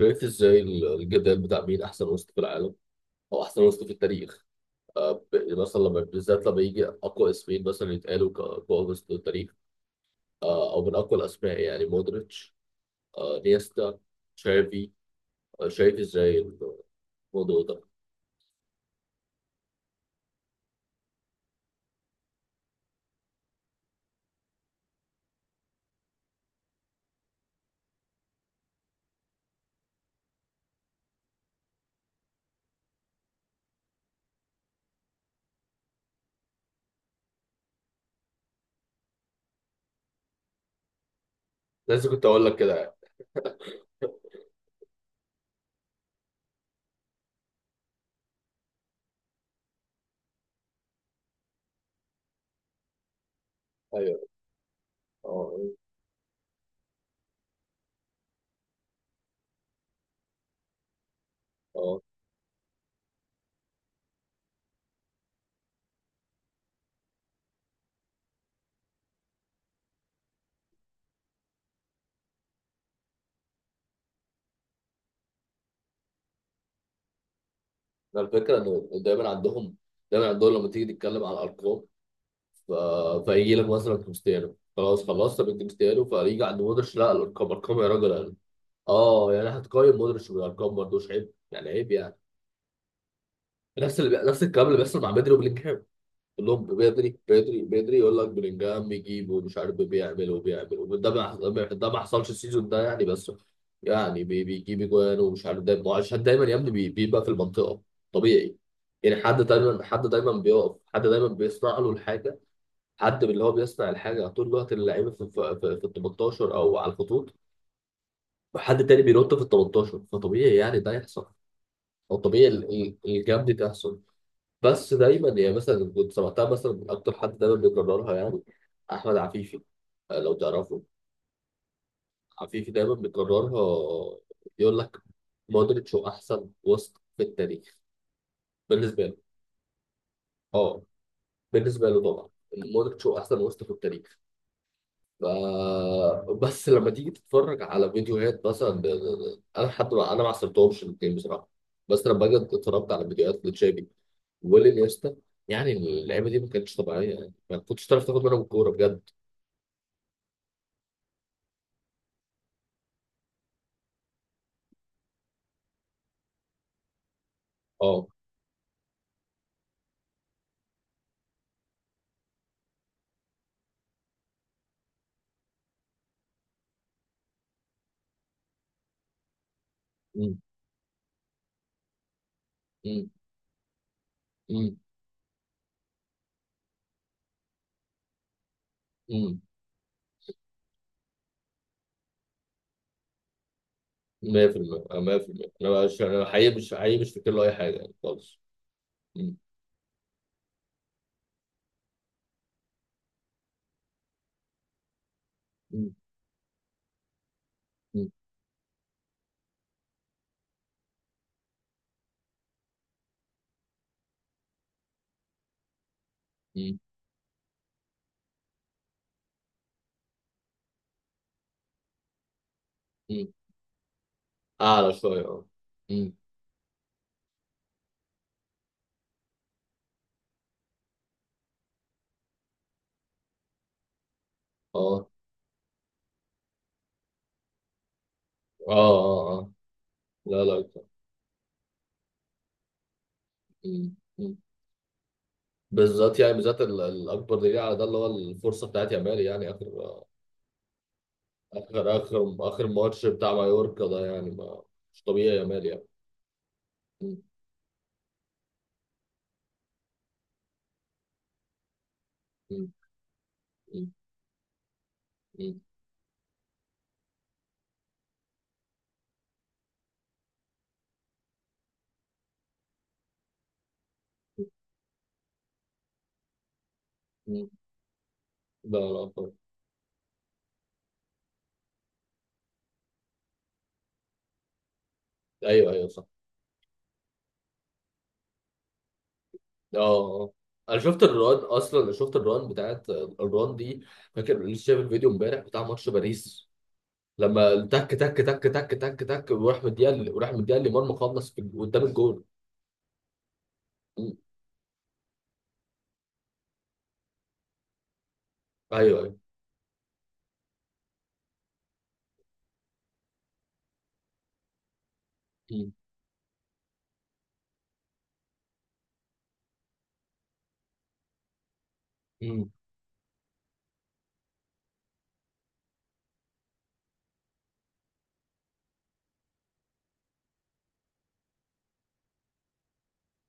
شايف ازاي الجدال بتاع مين احسن وسط في العالم، او احسن وسط في التاريخ. آه، ب- مثلا، بالذات لما يجي اقوى اسمين مثلا يتقالوا كاقوى وسط في التاريخ. او من اقوى الاسماء يعني مودريتش، نيستا، تشافي. شايف ازاي الموضوع ده. لازم كنت اقول لك كده يعني. ايوه، اه، اه. ده الفكره انه دايما عندهم، لما تيجي تتكلم على الارقام. ف... فيجي لك مثلا كريستيانو، خلاص خلصت من كريستيانو، فيجي عند مودريتش: لا الارقام ارقام يا راجل. اه، يعني هتقيم مودريتش بالارقام برضه؟ مش عيب يعني، عيب يعني. نفس الكلام اللي بيحصل مع بدري وبلينجهام. كلهم لهم بدري، بدري، بدري، يقول لك بلينجهام بيجيب ومش عارف بيعمل وبيعمل، وده ما ده ما حصلش السيزون ده يعني. بس يعني بيجيب اجوان ومش عارف، دايما عشان دايما يا ابني بيبقى في المنطقه. طبيعي يعني. حد دايما، حد دايما بيقف، حد دايما بيصنع له الحاجه، حد من اللي هو بيصنع الحاجه طول الوقت. اللعيبه في ال 18 او على الخطوط، وحد تاني بينط في ال 18. فطبيعي يعني ده يحصل. هو طبيعي الجام دي تحصل. بس دايما يعني مثلا، كنت سمعتها مثلا من اكتر حد دايما بيكررها يعني، احمد عفيفي. لو تعرفه. عفيفي دايما بيكررها، يقول لك مودريتش هو احسن وسط في التاريخ بالنسبه له. اه، بالنسبه له طبعا مودريتش هو احسن وسط في التاريخ. ف- بس لما تيجي تتفرج على فيديوهات مثلا، انا لحد ما انا ما عصرتهمش الاثنين بصراحه. بس لما باجي اتفرجت على فيديوهات لتشافي والانيستا، يعني اللعيبه دي ما كانتش طبيعيه يعني، ما كنتش تعرف تاخد منهم الكوره بجد. اه. امم امم امم امم 100%. أنا 100%، انا مش، انا حقيقي، مش حقيقي مش فاكر له اي حاجه يعني خالص. امم امم امم امم أمم. اعلى شويه، اه. امم. اه، اه، اه، اه، لا لا أكتر. أمم. بالذات يعني، بالذات الاكبر دليل على ده اللي هو الفرصه بتاعت يامال يعني. اخر، اخر اخر اخر ماتش بتاع مايوركا ده يعني، ما مش طبيعي يامال يعني. م- م- م- م- م. لا لا طبعا. ايوه ايوه صح. اه اه آه. انا شفت الران، اصلا شفت الران بتاعت الران دي. فاكر لسه شايف الفيديو امبارح بتاع ماتش باريس، لما تك تك تك تك تك تك، وراح مديها لمرمى، خلص في- قدام الجول. م. ايوه ايوه. م- م.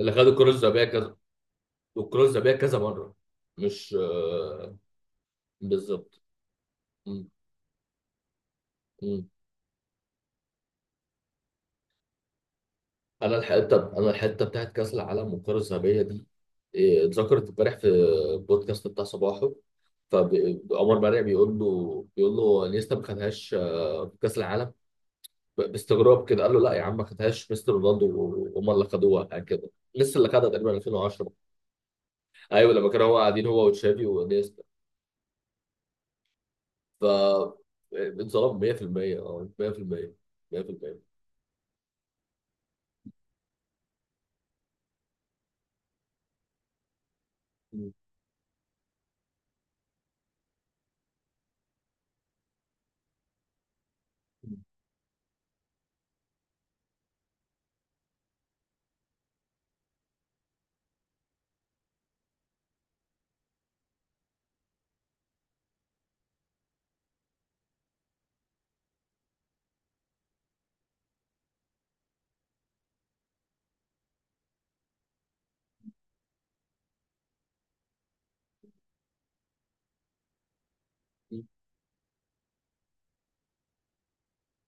اللي خد الكره الذهبيه كذا، وكروز بيها كذا مره، مش بالظبط. مم. مم. انا الحته، انا الحته بتاعت كاس العالم والكره الذهبيه دي، اتذكرت امبارح في البودكاست بتاع صباحه، فعمر مرعي بيقول له انيستا ما خدهاش في كاس العالم. باستغراب كده قال له لا يا عم ما خدهاش مستر رونالدو، وهم اللي خدوها، يعني كده لسه اللي خدها تقريبا 2010. ايوه، لما كانوا هو قاعدين هو وتشافي وانيستا. ف آه، اتظلم 100%، اه 100%. 100%.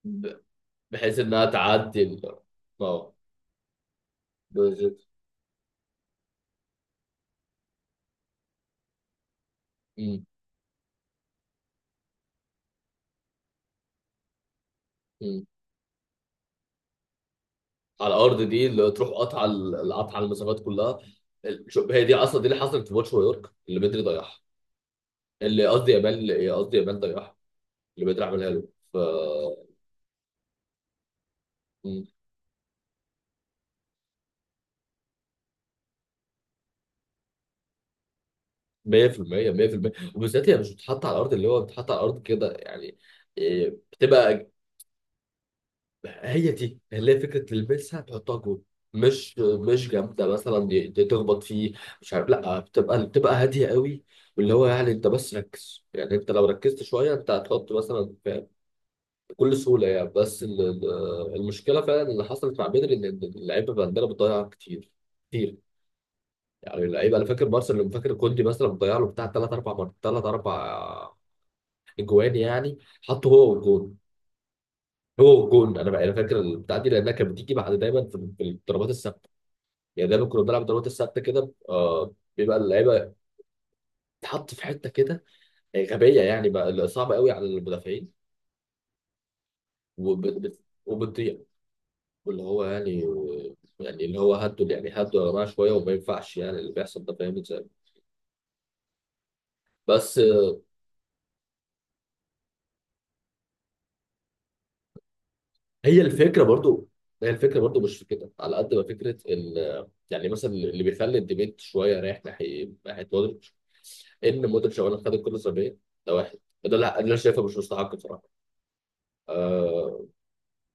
ب- بحيث انها تعدي ال، اه بالظبط. مم. مم. على الارض. دي اللي تروح قطع قطع المسافات كلها. هي دي اصلا دي اللي حصلت في ماتش نيويورك اللي بدري ضيعها، اللي قصدي يامال إيه، قصدي يامال ضيعها، اللي بدري عملها له. ف مم. 100%، 100%. وبالذات هي مش بتتحط على الارض، اللي هو بتتحط على الارض كده يعني، بتبقى هي دي اللي هي فكره الميكس. هتحطها جوه، مش جامده مثلا، دي تخبط فيه، مش عارف. لا، بتبقى هاديه قوي. واللي هو يعني انت بس ركز يعني، انت لو ركزت شويه انت هتحط مثلا بكل سهوله يعني. بس المشكله فعلا اللي حصلت مع بدري ان إن اللعيبه عندنا بتضيع كتير. كتير يعني. اللعيبه، انا فاكر مارسيل، اللي فاكر كوندي مثلا بتضيع له بتاع ثلاث اربع مرات، ثلاث اربع اجوان يعني. حطه هو والجون. هو جون. انا بقى انا فاكر البتاع دي لانها كانت بتيجي بعد دايما في الضربات الثابته. يعني دايما كنا بنلعب ضربات الثابته كده، آه بيبقى اللعيبه تحط في حته كده غبيه يعني، بقى صعبه قوي على المدافعين. وب- وبتضيع. واللي هو يعني، يعني اللي هو هدوا يعني، هدوا يا جماعه شويه، وما ينفعش يعني اللي بيحصل ده، فاهم ازاي. بس هي الفكره برضو. مش في كده على قد ما فكره ال، يعني مثلا اللي بيخلي الديبيت شويه رايح ناحيه مودريتش، ان مودريتش اولا خد الكره الذهبيه، ده واحد. ده اللي أنا شايفه مش مستحق بصراحه. آه.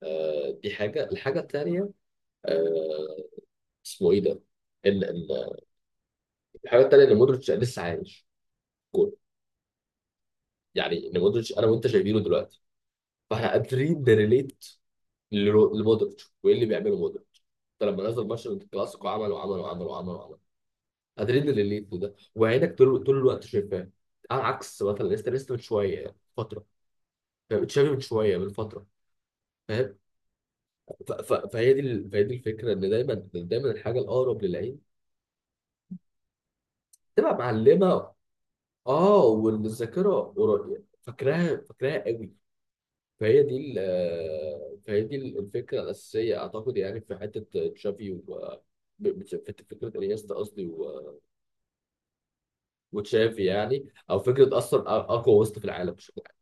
آه، دي حاجه. الحاجه الثانيه، اسمه ايه ده، ان ان الحاجه الثانيه ان مودريتش لسه عايش. جول. يعني ان مودريتش انا وانت شايفينه دلوقتي، فاحنا قادرين نريليت لمودريتش وايه اللي بيعمله مودريتش. ده لما نزل ماتش الكلاسيكو عمل وعمل وعمل وعمل وعمل. قادرين نريليت لده، وعينك طول الوقت شايفاه. على عكس مثلا، لسه من شويه يعني، فتره. فاهم؟ تشافي من شويه، من فتره. فاهم؟ فهي دي فهي دي الفكره، ان دايما، دايما الحاجه الاقرب للعين تبقى معلمه. اه، والذاكره فاكراها، فاكراها قوي. فهي دي فهي دي الفكره الاساسيه اعتقد، يعني في حته تشافي و، في فكره انيستا قصدي، وتشافي يعني، او فكره اصلا اقوى وسط في العالم بشكل عام.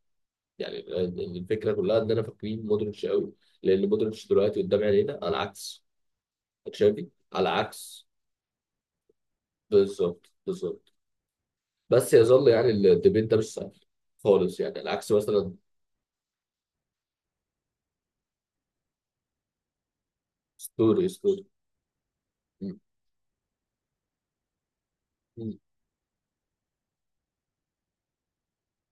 يعني الفكره كلها ان انا فاكرين مودريتش قوي لان مودريتش دلوقتي قدام عينينا، على عكس تشافي، على عكس. بالظبط، بالظبط. بس يظل يعني الديبيت ده مش سهل خالص يعني، العكس مثلا. ستوري ستوري.